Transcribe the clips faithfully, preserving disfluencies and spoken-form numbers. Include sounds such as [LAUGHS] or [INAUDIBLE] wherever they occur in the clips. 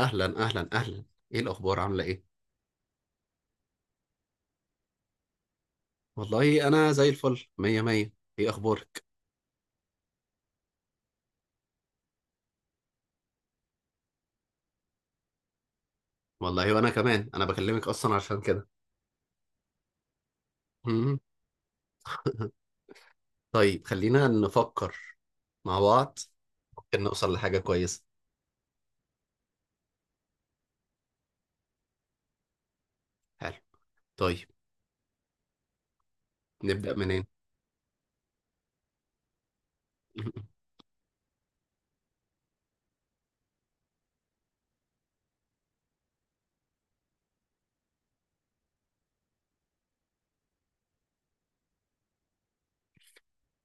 اهلا اهلا اهلا، ايه الاخبار عامله ايه؟ والله انا زي الفل مية مية. ايه اخبارك؟ والله وانا كمان، انا بكلمك اصلا عشان كده. مم. [LAUGHS] طيب خلينا نفكر مع بعض، ممكن نوصل لحاجه كويسه. حلو، طيب نبدا منين؟ [LAUGHS]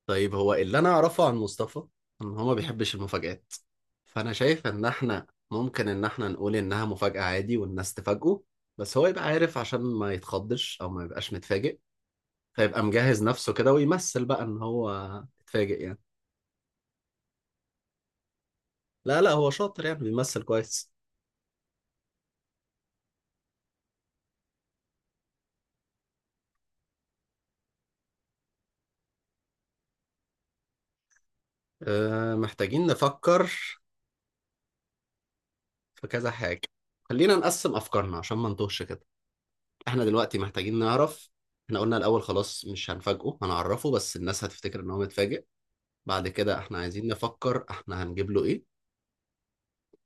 طيب هو اللي انا اعرفه عن مصطفى، ان هو ما بيحبش المفاجآت، فانا شايف ان احنا ممكن ان احنا نقول انها مفاجأة عادي والناس تفاجئه. بس هو يبقى عارف عشان ما يتخضش او ما يبقاش متفاجئ، فيبقى مجهز نفسه كده ويمثل بقى ان هو اتفاجئ يعني. لا لا، هو شاطر يعني بيمثل كويس. أه، محتاجين نفكر في كذا حاجة. خلينا نقسم أفكارنا عشان ما نتوهش كده. احنا دلوقتي محتاجين نعرف. احنا قلنا الأول خلاص مش هنفاجئه، هنعرفه بس الناس هتفتكر ان هو متفاجئ. بعد كده احنا عايزين نفكر احنا هنجيب له ايه،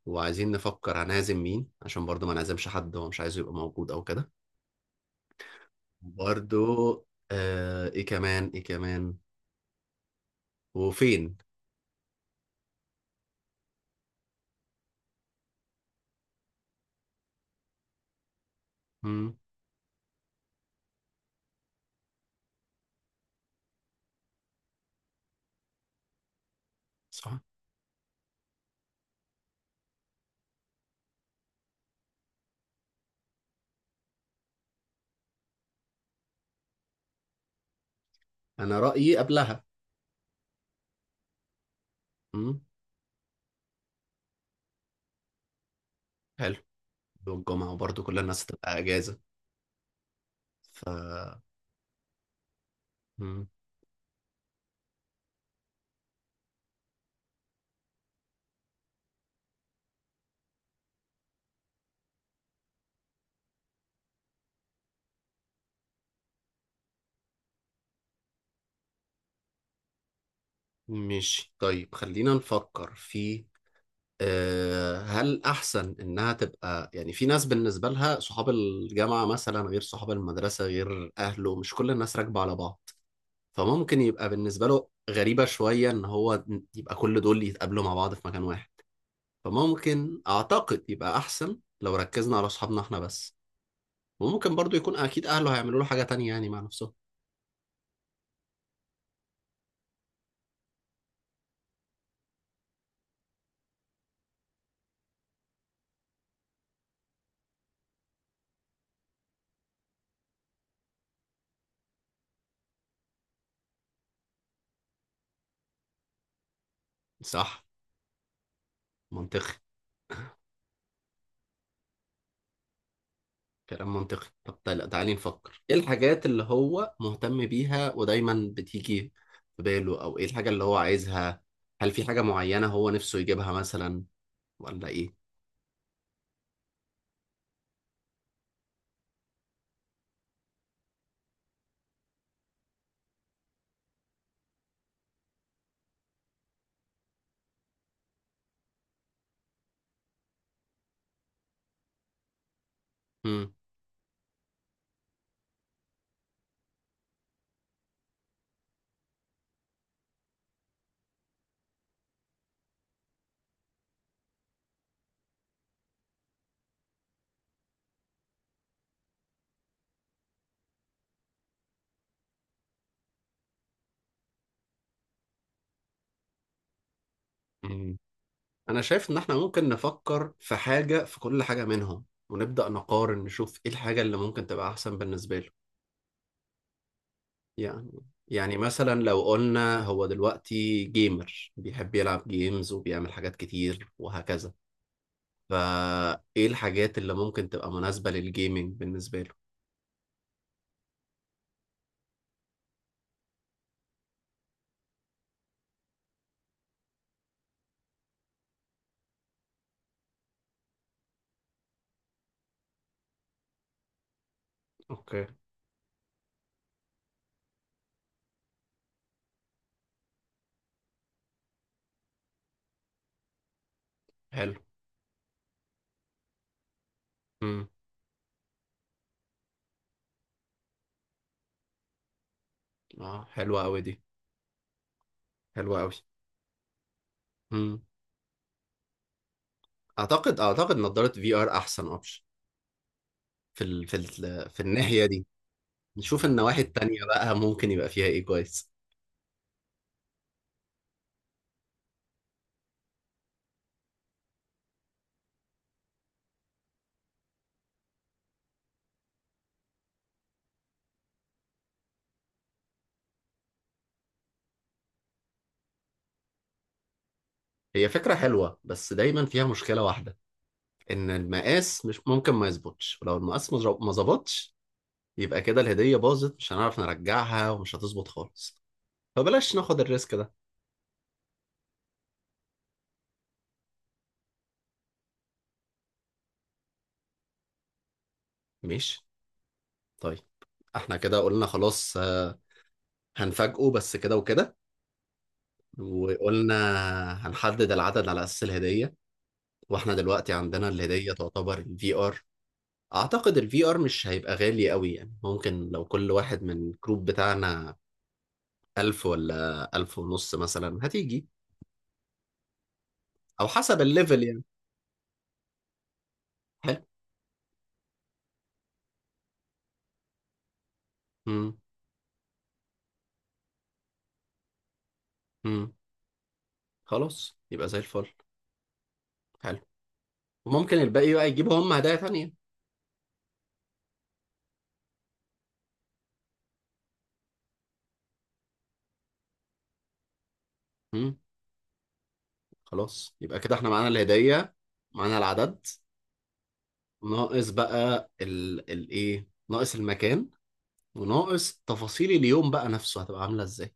وعايزين نفكر هنعزم مين، عشان برضه ما نعزمش حد هو مش عايزه يبقى موجود او كده. برضه، اه ايه كمان ايه كمان، وفين؟ مم. صح، انا رايي قبلها. امم. حلو، والجمعه وبرضه كل الناس تبقى اجازه. ف مم. ماشي، طيب خلينا نفكر في آه، هل احسن انها تبقى يعني، في ناس بالنسبه لها صحاب الجامعه مثلا غير صحاب المدرسه غير اهله، مش كل الناس راكبه على بعض، فممكن يبقى بالنسبه له غريبه شويه ان هو يبقى كل دول يتقابلوا مع بعض في مكان واحد. فممكن اعتقد يبقى احسن لو ركزنا على اصحابنا احنا بس. وممكن برضو يكون اكيد اهله هيعملوا له حاجه تانية يعني مع نفسهم. صح، منطقي. كلام منطقي، طب تعال- تعالي نفكر ايه الحاجات اللي هو مهتم بيها ودايما بتيجي في باله، او ايه الحاجه اللي هو عايزها، هل في حاجه معينه هو نفسه يجيبها مثلا، ولا ايه؟ مم. مم. انا شايف ان احنا ممكن نفكر في حاجه، في كل حاجه منهم ونبدا نقارن نشوف ايه الحاجه اللي ممكن تبقى احسن بالنسبه له. يعني يعني مثلا لو قلنا هو دلوقتي جيمر بيحب يلعب جيمز وبيعمل حاجات كتير وهكذا، فايه الحاجات اللي ممكن تبقى مناسبة للجيمنج بالنسبة له. اوكي. حلو. امم. اه، حلوة قوي دي، حلوة قوي. امم اعتقد اعتقد نظارة في ار احسن اوبشن في ال... في ال... في الناحية دي. نشوف النواحي التانية بقى ممكن يبقى فيها ايه كويس. هي فكرة حلوة بس دايما فيها مشكلة واحدة، ان المقاس مش ممكن ما يظبطش، ولو المقاس ما ظبطش يبقى كده الهدية باظت، مش هنعرف نرجعها ومش هتظبط خالص، فبلاش ناخد الريسك ده. ماشي، طيب احنا كده قلنا خلاص آه، هنفاجئه بس كده وكده. وقلنا هنحدد العدد على أساس الهدية، واحنا دلوقتي عندنا الهدية تعتبر الفي ار. اعتقد الفي ار مش هيبقى غالي قوي يعني، ممكن لو كل واحد من الجروب بتاعنا ألف ولا ألف ونص مثلا هتيجي. أو حسب الليفل يعني. حلو. مم. مم. خلاص يبقى زي الفل. حلو، وممكن الباقي بقى يجيبوا هم هدايا تانية. مم. خلاص يبقى كده احنا معانا الهدية، معانا العدد. ناقص بقى ال... الايه، ناقص المكان، وناقص تفاصيل اليوم بقى نفسه هتبقى عاملة ازاي.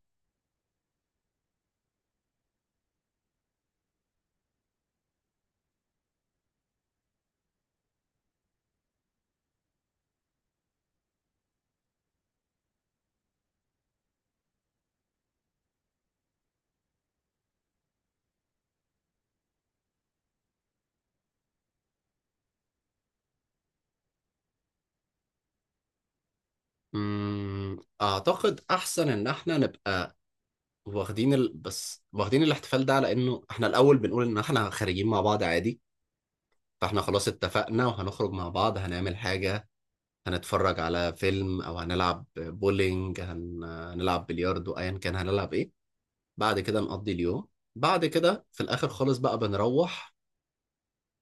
مم. اعتقد احسن ان احنا نبقى واخدين ال... بس واخدين الاحتفال ده على انه احنا الاول بنقول ان احنا خارجين مع بعض عادي. فاحنا خلاص اتفقنا وهنخرج مع بعض هنعمل حاجة، هنتفرج على فيلم او هنلعب بولينج هن... هنلعب بلياردو ايا كان هنلعب ايه. بعد كده نقضي اليوم. بعد كده في الآخر خالص بقى بنروح،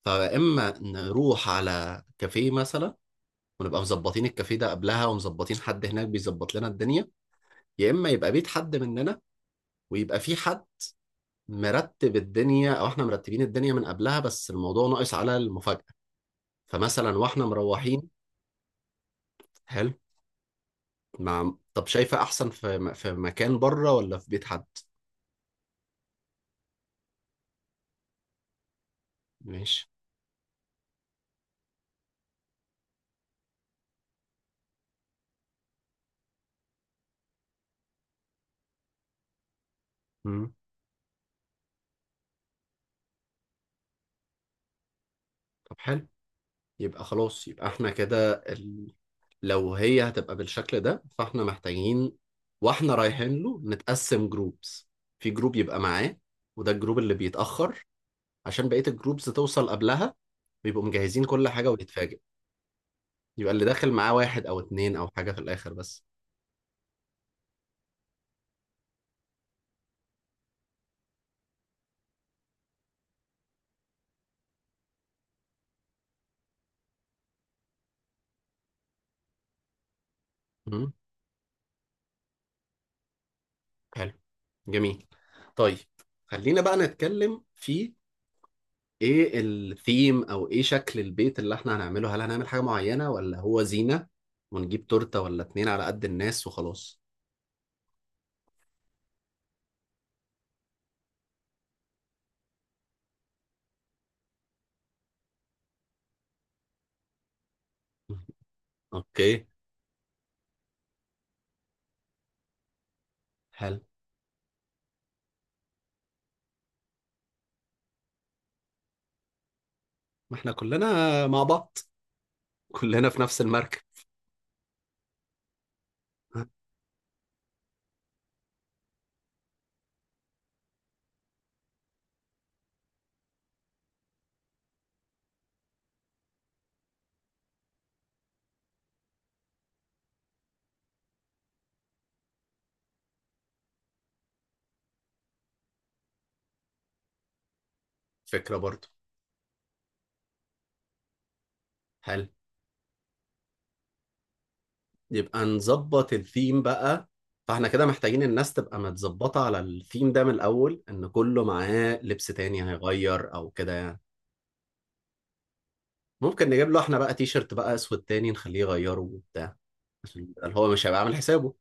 فيا إما نروح على كافيه مثلا ونبقى مظبطين الكافيه ده قبلها ومظبطين حد هناك بيظبط لنا الدنيا. يا إما يبقى بيت حد مننا ويبقى في حد مرتب الدنيا أو إحنا مرتبين الدنيا من قبلها، بس الموضوع ناقص على المفاجأة. فمثلا وإحنا مروحين. حلو. مع طب شايفة أحسن في في مكان بره ولا في بيت حد؟ ماشي. مم. طب حلو. يبقى خلاص يبقى احنا كده ال... لو هي هتبقى بالشكل ده فاحنا محتاجين واحنا رايحين له نتقسم جروبس، في جروب يبقى معاه، وده الجروب اللي بيتأخر عشان بقية الجروبس توصل قبلها، بيبقوا مجهزين كل حاجة ويتفاجئ. يبقى اللي داخل معاه واحد أو اتنين أو حاجة في الآخر بس. مم. حلو. جميل. طيب خلينا بقى نتكلم في ايه الثيم او ايه شكل البيت اللي احنا هنعمله، هل هنعمل حاجة معينة ولا هو زينة ونجيب تورتة ولا اتنين على قد الناس وخلاص. [LAUGHS] اوكي. حلو. ما احنا كلنا مع بعض، كلنا في نفس المركب. ها، فكرة برضو. حلو، يبقى نظبط الثيم بقى. فاحنا كده محتاجين الناس تبقى متظبطة على الثيم ده من الأول، إن كله معاه لبس تاني هيغير أو كده يعني. ممكن نجيب له احنا بقى تي شيرت بقى أسود تاني نخليه يغيره وبتاع، عشان يبقى هو مش هيبقى عامل حسابه.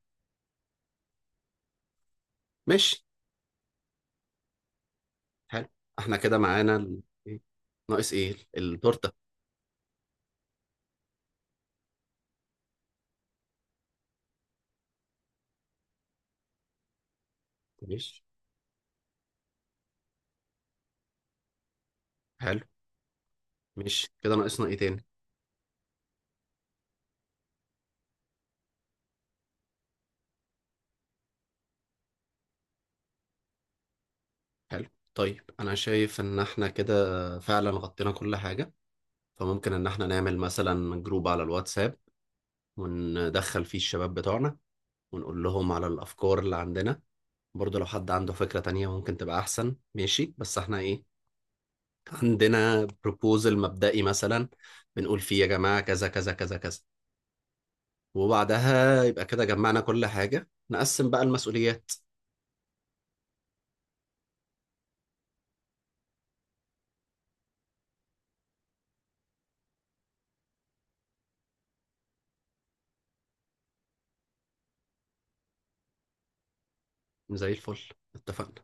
ماشي. حلو. احنا كده معانا ال... إيه؟ ناقص ايه التورتة. ماشي. حلو. ماشي كده، ناقصنا ايه تاني؟ حلو، طيب انا شايف ان احنا كده فعلا غطينا كل حاجة. فممكن ان احنا نعمل مثلا جروب على الواتساب، وندخل فيه الشباب بتوعنا ونقول لهم على الافكار اللي عندنا. برضه لو حد عنده فكرة تانية ممكن تبقى احسن، ماشي، بس احنا ايه، عندنا بروبوزل مبدئي مثلا بنقول فيه يا جماعة كذا كذا كذا كذا. وبعدها يبقى كده جمعنا كل حاجة، نقسم بقى المسؤوليات. زي الفل. اتفقنا.